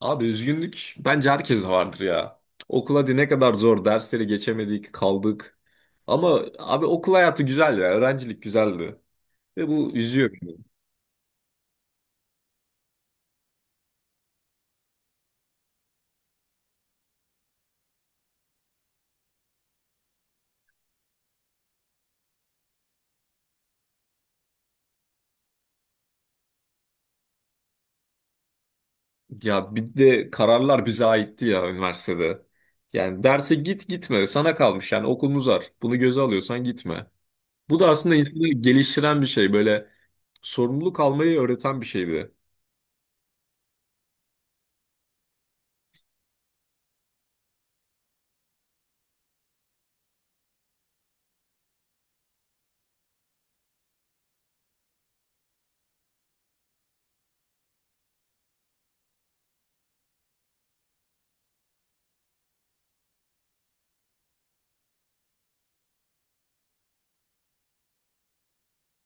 Abi üzgünlük bence herkeste vardır ya. Okul hadi ne kadar zor dersleri geçemedik kaldık. Ama abi okul hayatı güzel ya öğrencilik güzeldi. Ve bu üzüyor beni. Ya bir de kararlar bize aitti ya üniversitede. Yani derse git gitme sana kalmış yani okulun uzar. Bunu göze alıyorsan gitme. Bu da aslında insanı geliştiren bir şey böyle sorumluluk almayı öğreten bir şeydi.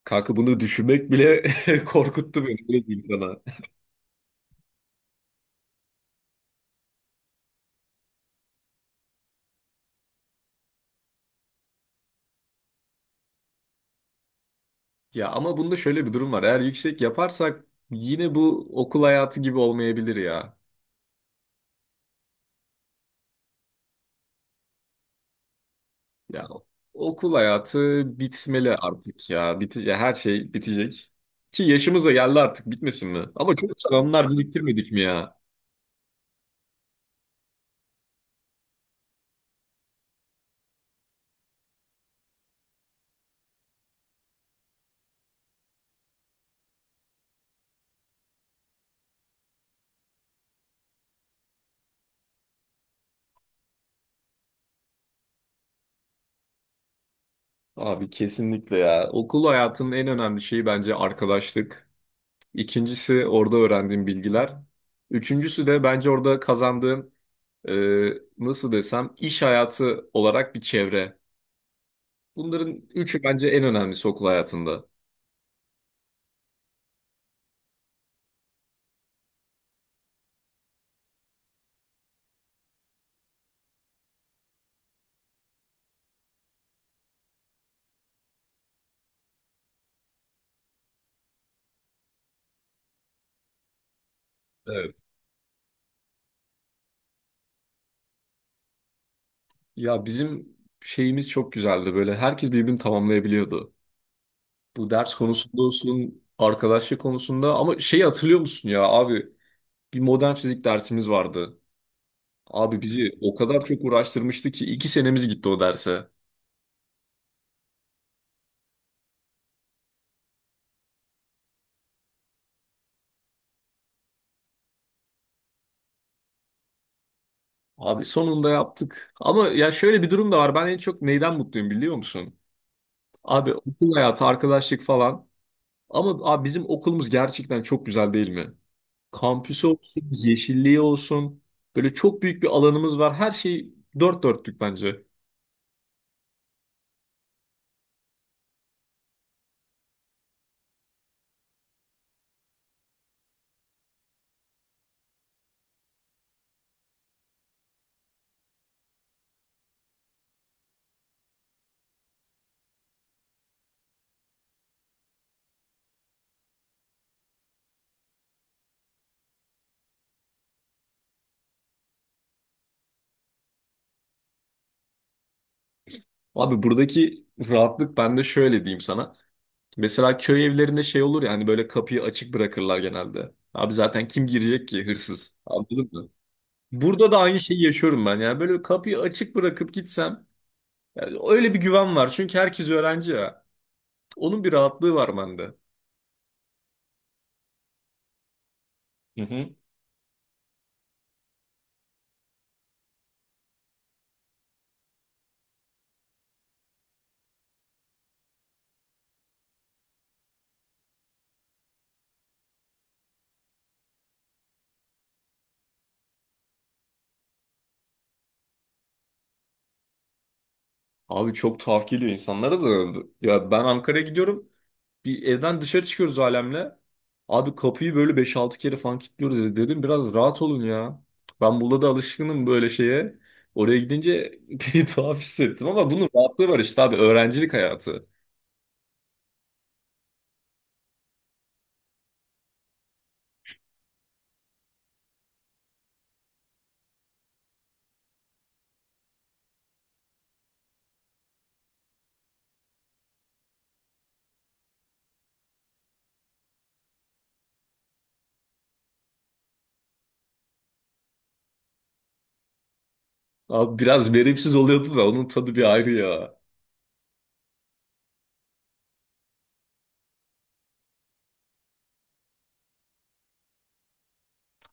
Kanka bunu düşünmek bile korkuttu beni. Öyle diyeyim sana. Ya ama bunda şöyle bir durum var. Eğer yüksek yaparsak yine bu okul hayatı gibi olmayabilir ya. Ya okul hayatı bitmeli artık ya. Bitecek, her şey bitecek. Ki yaşımız da geldi artık bitmesin mi? Ama çok güzel anılar biriktirmedik mi ya? Abi kesinlikle ya. Okul hayatının en önemli şeyi bence arkadaşlık. İkincisi orada öğrendiğin bilgiler. Üçüncüsü de bence orada kazandığın e, nasıl desem iş hayatı olarak bir çevre. Bunların üçü bence en önemlisi okul hayatında. Evet. Ya bizim şeyimiz çok güzeldi böyle. Herkes birbirini tamamlayabiliyordu. Bu ders konusunda olsun, arkadaşlık konusunda ama şeyi hatırlıyor musun ya abi bir modern fizik dersimiz vardı. Abi bizi o kadar çok uğraştırmıştı ki iki senemiz gitti o derse. Abi sonunda yaptık. Ama ya şöyle bir durum da var. Ben en çok neyden mutluyum biliyor musun? Abi okul hayatı, arkadaşlık falan. Ama abi bizim okulumuz gerçekten çok güzel değil mi? Kampüsü olsun, yeşilliği olsun. Böyle çok büyük bir alanımız var. Her şey dört dörtlük bence. Abi buradaki rahatlık ben de şöyle diyeyim sana. Mesela köy evlerinde şey olur ya hani böyle kapıyı açık bırakırlar genelde. Abi zaten kim girecek ki hırsız? Anladın mı? Burada da aynı şeyi yaşıyorum ben. Yani böyle kapıyı açık bırakıp gitsem yani öyle bir güven var. Çünkü herkes öğrenci ya. Onun bir rahatlığı var bende. Hı hı. Abi çok tuhaf geliyor insanlara da. Ya ben Ankara'ya gidiyorum. Bir evden dışarı çıkıyoruz alemle. Abi kapıyı böyle beş altı kere falan kilitliyoruz dedi. Dedim biraz rahat olun ya. Ben burada da alışkınım böyle şeye. Oraya gidince bir tuhaf hissettim ama bunun rahatlığı var işte abi öğrencilik hayatı. Abi biraz verimsiz oluyordu da onun tadı bir ayrı ya.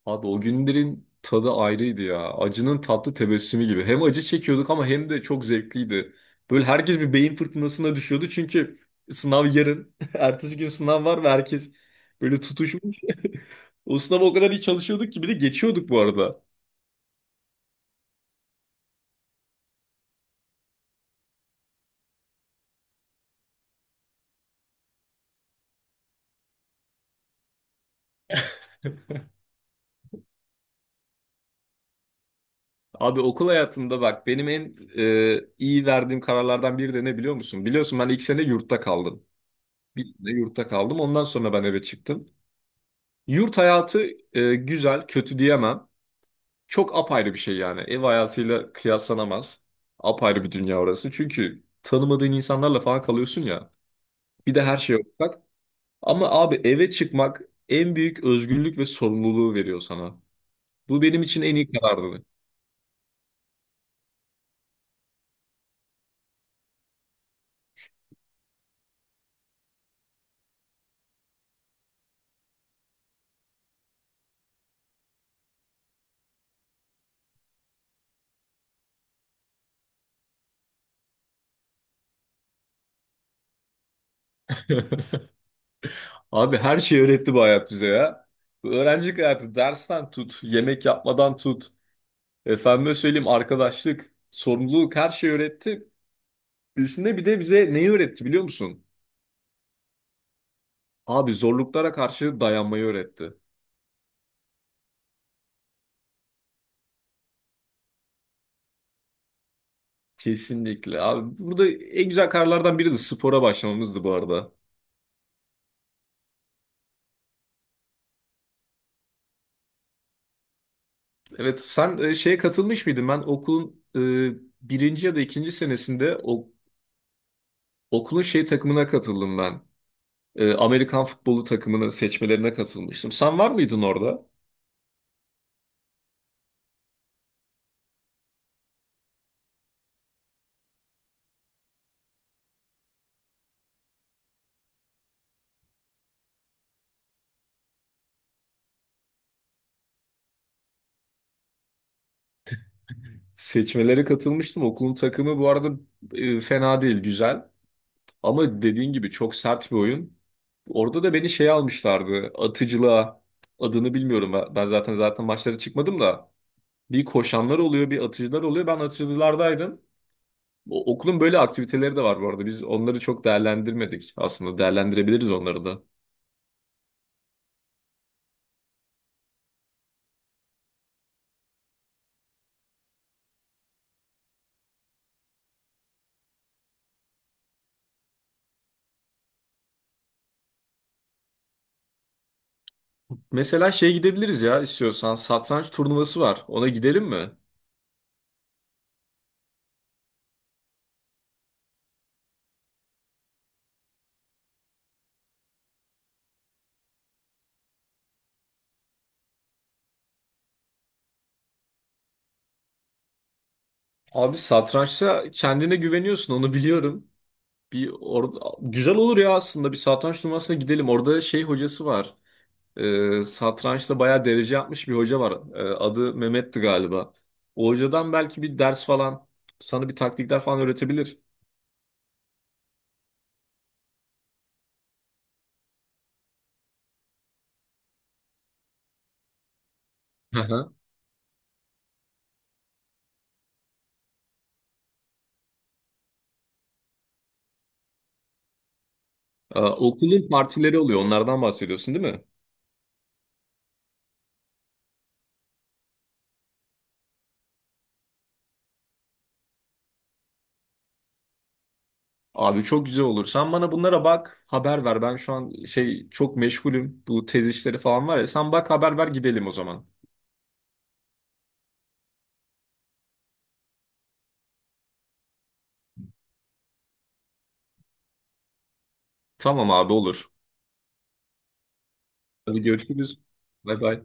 Abi o günlerin tadı ayrıydı ya. Acının tatlı tebessümü gibi. Hem acı çekiyorduk ama hem de çok zevkliydi. Böyle herkes bir beyin fırtınasına düşüyordu çünkü sınav yarın. Ertesi gün sınav var ve herkes böyle tutuşmuş. O sınava o kadar iyi çalışıyorduk ki bir de geçiyorduk bu arada. Abi okul hayatında bak benim en iyi verdiğim kararlardan biri de ne biliyor musun? Biliyorsun ben ilk sene yurtta kaldım. Bir sene yurtta kaldım. Ondan sonra ben eve çıktım. Yurt hayatı güzel, kötü diyemem. Çok apayrı bir şey yani. Ev hayatıyla kıyaslanamaz. Apayrı bir dünya orası. Çünkü tanımadığın insanlarla falan kalıyorsun ya. Bir de her şey ortak. Ama abi eve çıkmak en büyük özgürlük ve sorumluluğu veriyor sana. Bu benim için en iyi karardı. Abi her şeyi öğretti bu hayat bize ya. Bu öğrencilik hayatı dersten tut, yemek yapmadan tut. Efendime söyleyeyim arkadaşlık, sorumluluk her şeyi öğretti. Üstüne bir de bize neyi öğretti biliyor musun? Abi zorluklara karşı dayanmayı öğretti. Kesinlikle. Abi burada en güzel kararlardan biri de spora başlamamızdı bu arada. Evet, sen şeye katılmış mıydın? Ben okulun birinci ya da ikinci senesinde okulun şey takımına katıldım ben. E, Amerikan futbolu takımını seçmelerine katılmıştım. Sen var mıydın orada? Seçmelere katılmıştım. Okulun takımı bu arada fena değil, güzel. Ama dediğin gibi çok sert bir oyun. Orada da beni şey almışlardı. Atıcılığa. Adını bilmiyorum. Ben zaten maçlara çıkmadım da. Bir koşanlar oluyor, bir atıcılar oluyor. Ben atıcılardaydım. Okulun böyle aktiviteleri de var bu arada. Biz onları çok değerlendirmedik. Aslında değerlendirebiliriz onları da. Mesela şey gidebiliriz ya istiyorsan. Satranç turnuvası var. Ona gidelim mi? Abi satrançta kendine güveniyorsun onu biliyorum. Bir orada güzel olur ya aslında bir satranç turnuvasına gidelim. Orada şey hocası var. Satrançta bayağı derece yapmış bir hoca var. Adı Mehmet'ti galiba. O hocadan belki bir ders falan sana bir taktikler falan öğretebilir. Okulun partileri oluyor. Onlardan bahsediyorsun değil mi? Abi çok güzel olur. Sen bana bunlara bak, haber ver. Ben şu an şey çok meşgulüm. Bu tez işleri falan var ya. Sen bak haber ver gidelim o zaman. Tamam abi olur. Hadi görüşürüz. Bay bay.